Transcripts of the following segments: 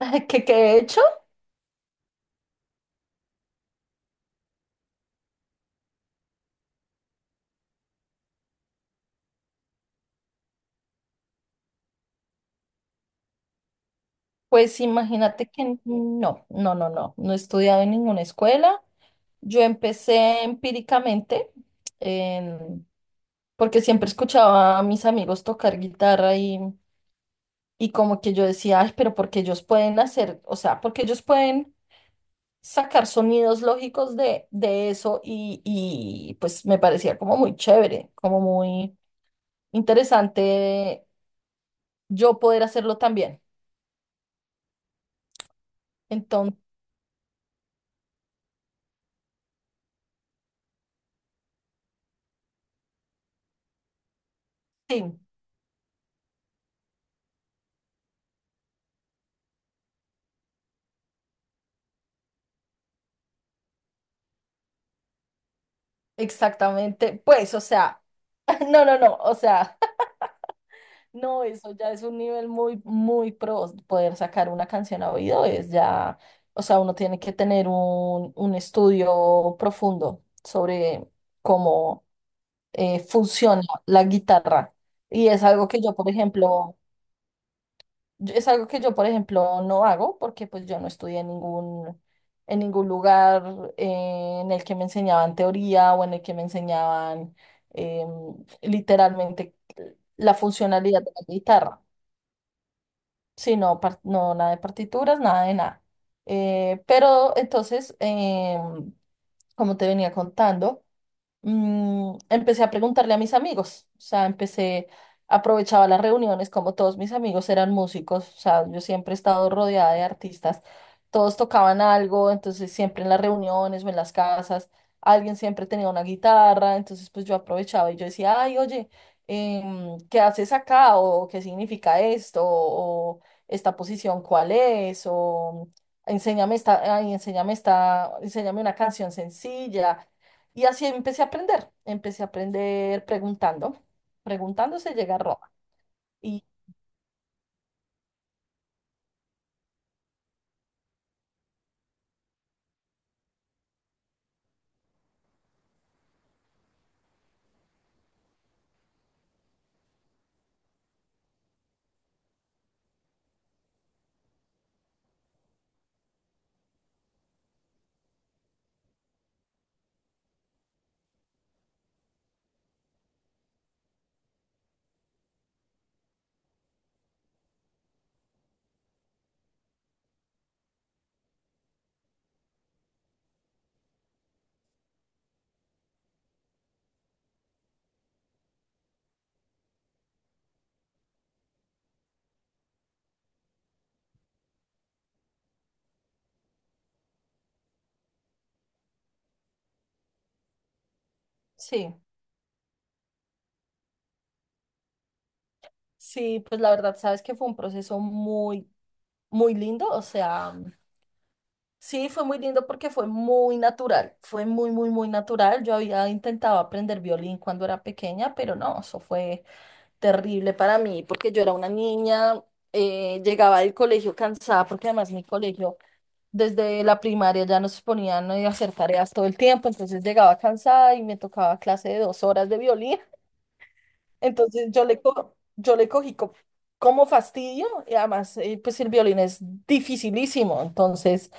¿Qué, qué he hecho? Pues imagínate que no, no, no, no, no he estudiado en ninguna escuela. Yo empecé empíricamente, en- porque siempre escuchaba a mis amigos tocar guitarra y como que yo decía, ay, pero porque ellos pueden hacer, o sea, porque ellos pueden sacar sonidos lógicos de eso y pues me parecía como muy chévere, como muy interesante yo poder hacerlo también. Entonces, sí. Exactamente, pues, o sea, no, o sea, no, eso ya es un nivel muy, muy pro, poder sacar una canción a oído es ya, o sea, uno tiene que tener un estudio profundo sobre cómo funciona la guitarra. Y es algo que yo, por ejemplo, es algo que yo, por ejemplo, no hago porque pues yo no estudié en ningún lugar en el que me enseñaban teoría o en el que me enseñaban em, literalmente la funcionalidad de la guitarra, sino no nada de partituras, nada de nada. Pero entonces, como te venía contando, empecé a preguntarle a mis amigos, o sea, empecé, aprovechaba las reuniones, como todos mis amigos eran músicos, o sea, yo siempre he estado rodeada de artistas, todos tocaban algo, entonces siempre en las reuniones o en las casas, alguien siempre tenía una guitarra, entonces pues yo aprovechaba y yo decía, ay, oye, ¿qué haces acá? ¿O qué significa esto? ¿O esta posición cuál es? ¿O enséñame esta, ay, enséñame esta, enséñame una canción sencilla? Y así empecé a aprender preguntando, preguntando se llega a Roma. Y sí, sí, pues la verdad, sabes que fue un proceso muy, muy lindo, o sea, sí, fue muy lindo porque fue muy natural, fue muy, muy, muy natural. Yo había intentado aprender violín cuando era pequeña, pero no, eso fue terrible para mí porque yo era una niña, llegaba del colegio cansada porque además mi colegio desde la primaria ya nos ponían a hacer tareas todo el tiempo, entonces llegaba cansada y me tocaba clase de 2 horas de violín. Entonces yo le cogí como fastidio y además pues el violín es dificilísimo. Entonces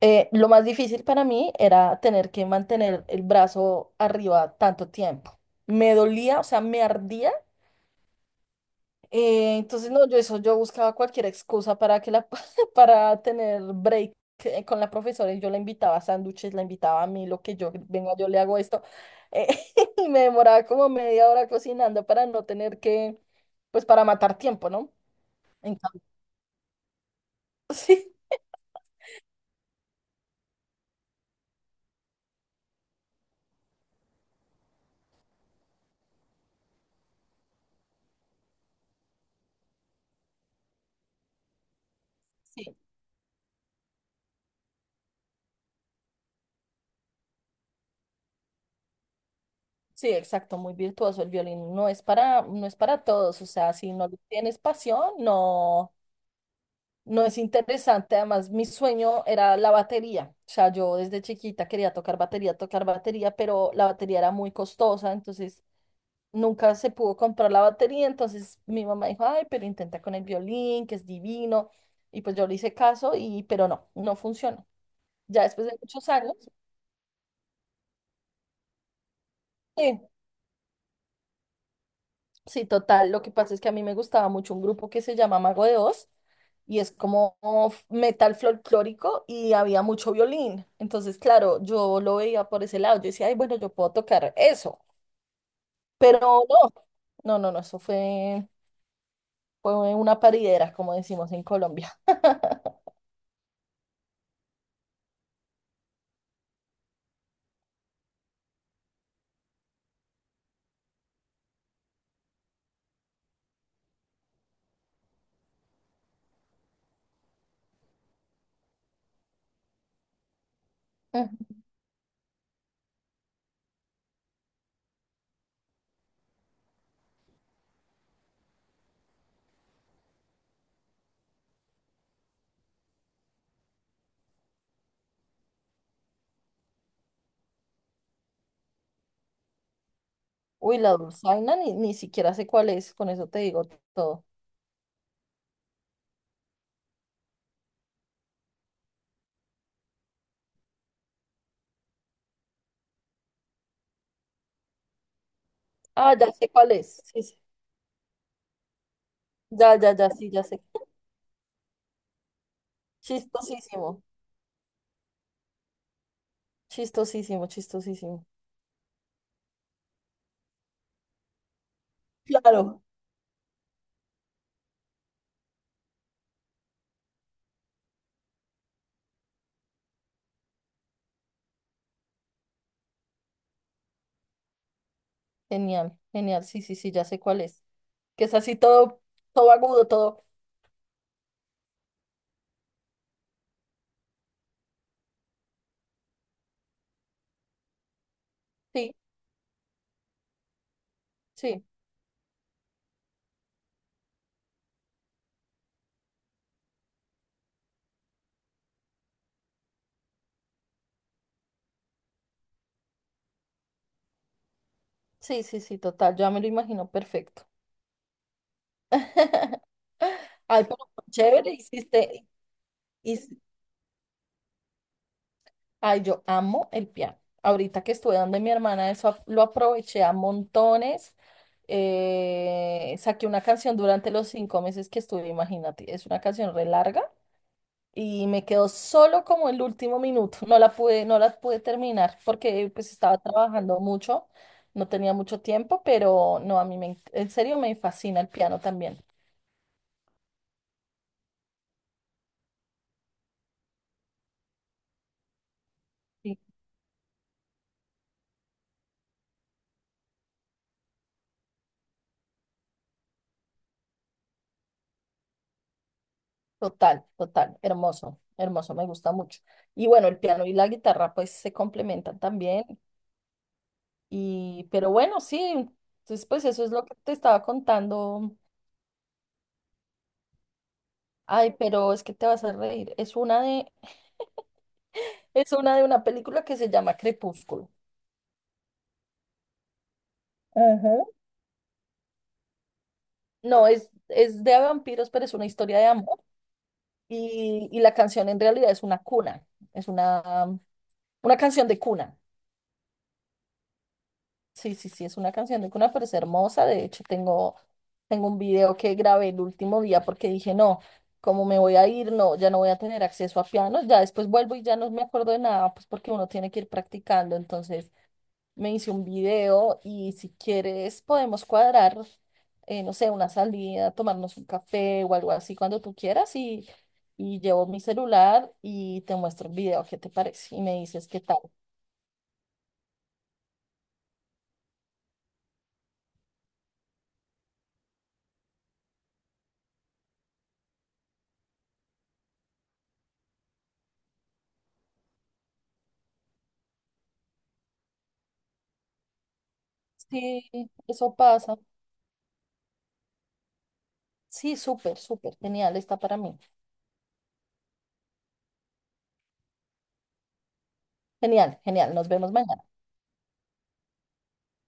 lo más difícil para mí era tener que mantener el brazo arriba tanto tiempo. Me dolía, o sea, me ardía entonces, no, yo eso, yo buscaba cualquier excusa para que la, para tener break con la profesora y yo la invitaba a sándwiches, la invitaba a mí, lo que yo, venga, yo le hago esto. eh, y me demoraba como media hora cocinando para no tener que, pues para matar tiempo, ¿no? En cambio, sí, sí, sí, exacto, muy virtuoso el violín. No es para, no es para todos, o sea, si no le tienes pasión, no. No es interesante, además mi sueño era la batería, o sea, yo desde chiquita quería tocar batería, pero la batería era muy costosa, entonces nunca se pudo comprar la batería, entonces mi mamá dijo, ay, pero intenta con el violín, que es divino, y pues yo le hice caso, y pero no, no funcionó. Ya después de muchos años, sí. Sí, total. Lo que pasa es que a mí me gustaba mucho un grupo que se llama Mago de Oz y es como metal folclórico y había mucho violín. Entonces, claro, yo lo veía por ese lado. Yo decía, ay, bueno, yo puedo tocar eso. Pero no, no, eso fue, fue una paridera, como decimos en Colombia. Ujú. Uy, la dulzaina ni siquiera sé cuál es, con eso te digo todo. Ah, ya sé cuál es. Sí, sí. Ya, ya, ya, sí, ya sé. Chistosísimo, chistosísimo, chistosísimo. Claro. Genial, genial, sí, sí, sí, ya sé cuál es. Que es así todo, todo agudo, todo. Sí, sí, sí, sí, sí, total, ya me lo imagino perfecto. Ay, pero chévere, hici- ay, yo amo el piano. Ahorita que estuve donde mi hermana, eso lo aproveché a montones. Saqué una canción durante los 5 meses que estuve, imagínate, es una canción re larga y me quedó solo como el último minuto. No la pude, no la pude terminar porque pues estaba trabajando mucho, no tenía mucho tiempo, pero no, a mí me, en serio me fascina el piano también. Total, total, hermoso, hermoso, me gusta mucho. Y bueno, el piano y la guitarra pues se complementan también. Y, pero bueno, sí, entonces pues eso es lo que te estaba contando. Ay, pero es que te vas a reír. Es una de una película que se llama Crepúsculo. Ujú. No, es de vampiros, pero es una historia de amor. Y la canción en realidad es una cuna. Es una canción de cuna. Sí, sí, sí, es una canción de cuna, pero es hermosa. De hecho, tengo, tengo un video que grabé el último día porque dije, no, como me voy a ir, no, ya no voy a tener acceso a pianos. Ya después vuelvo y ya no me acuerdo de nada, pues porque uno tiene que ir practicando. Entonces, me hice un video y si quieres podemos cuadrar, no sé, una salida, tomarnos un café o algo así cuando tú quieras y llevo mi celular y te muestro el video, ¿qué te parece? Y me dices qué tal. Sí, eso pasa. Sí, súper, súper, genial, está para mí. Genial, genial, nos vemos mañana.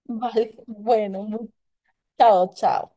Vale, bueno, chao, chao.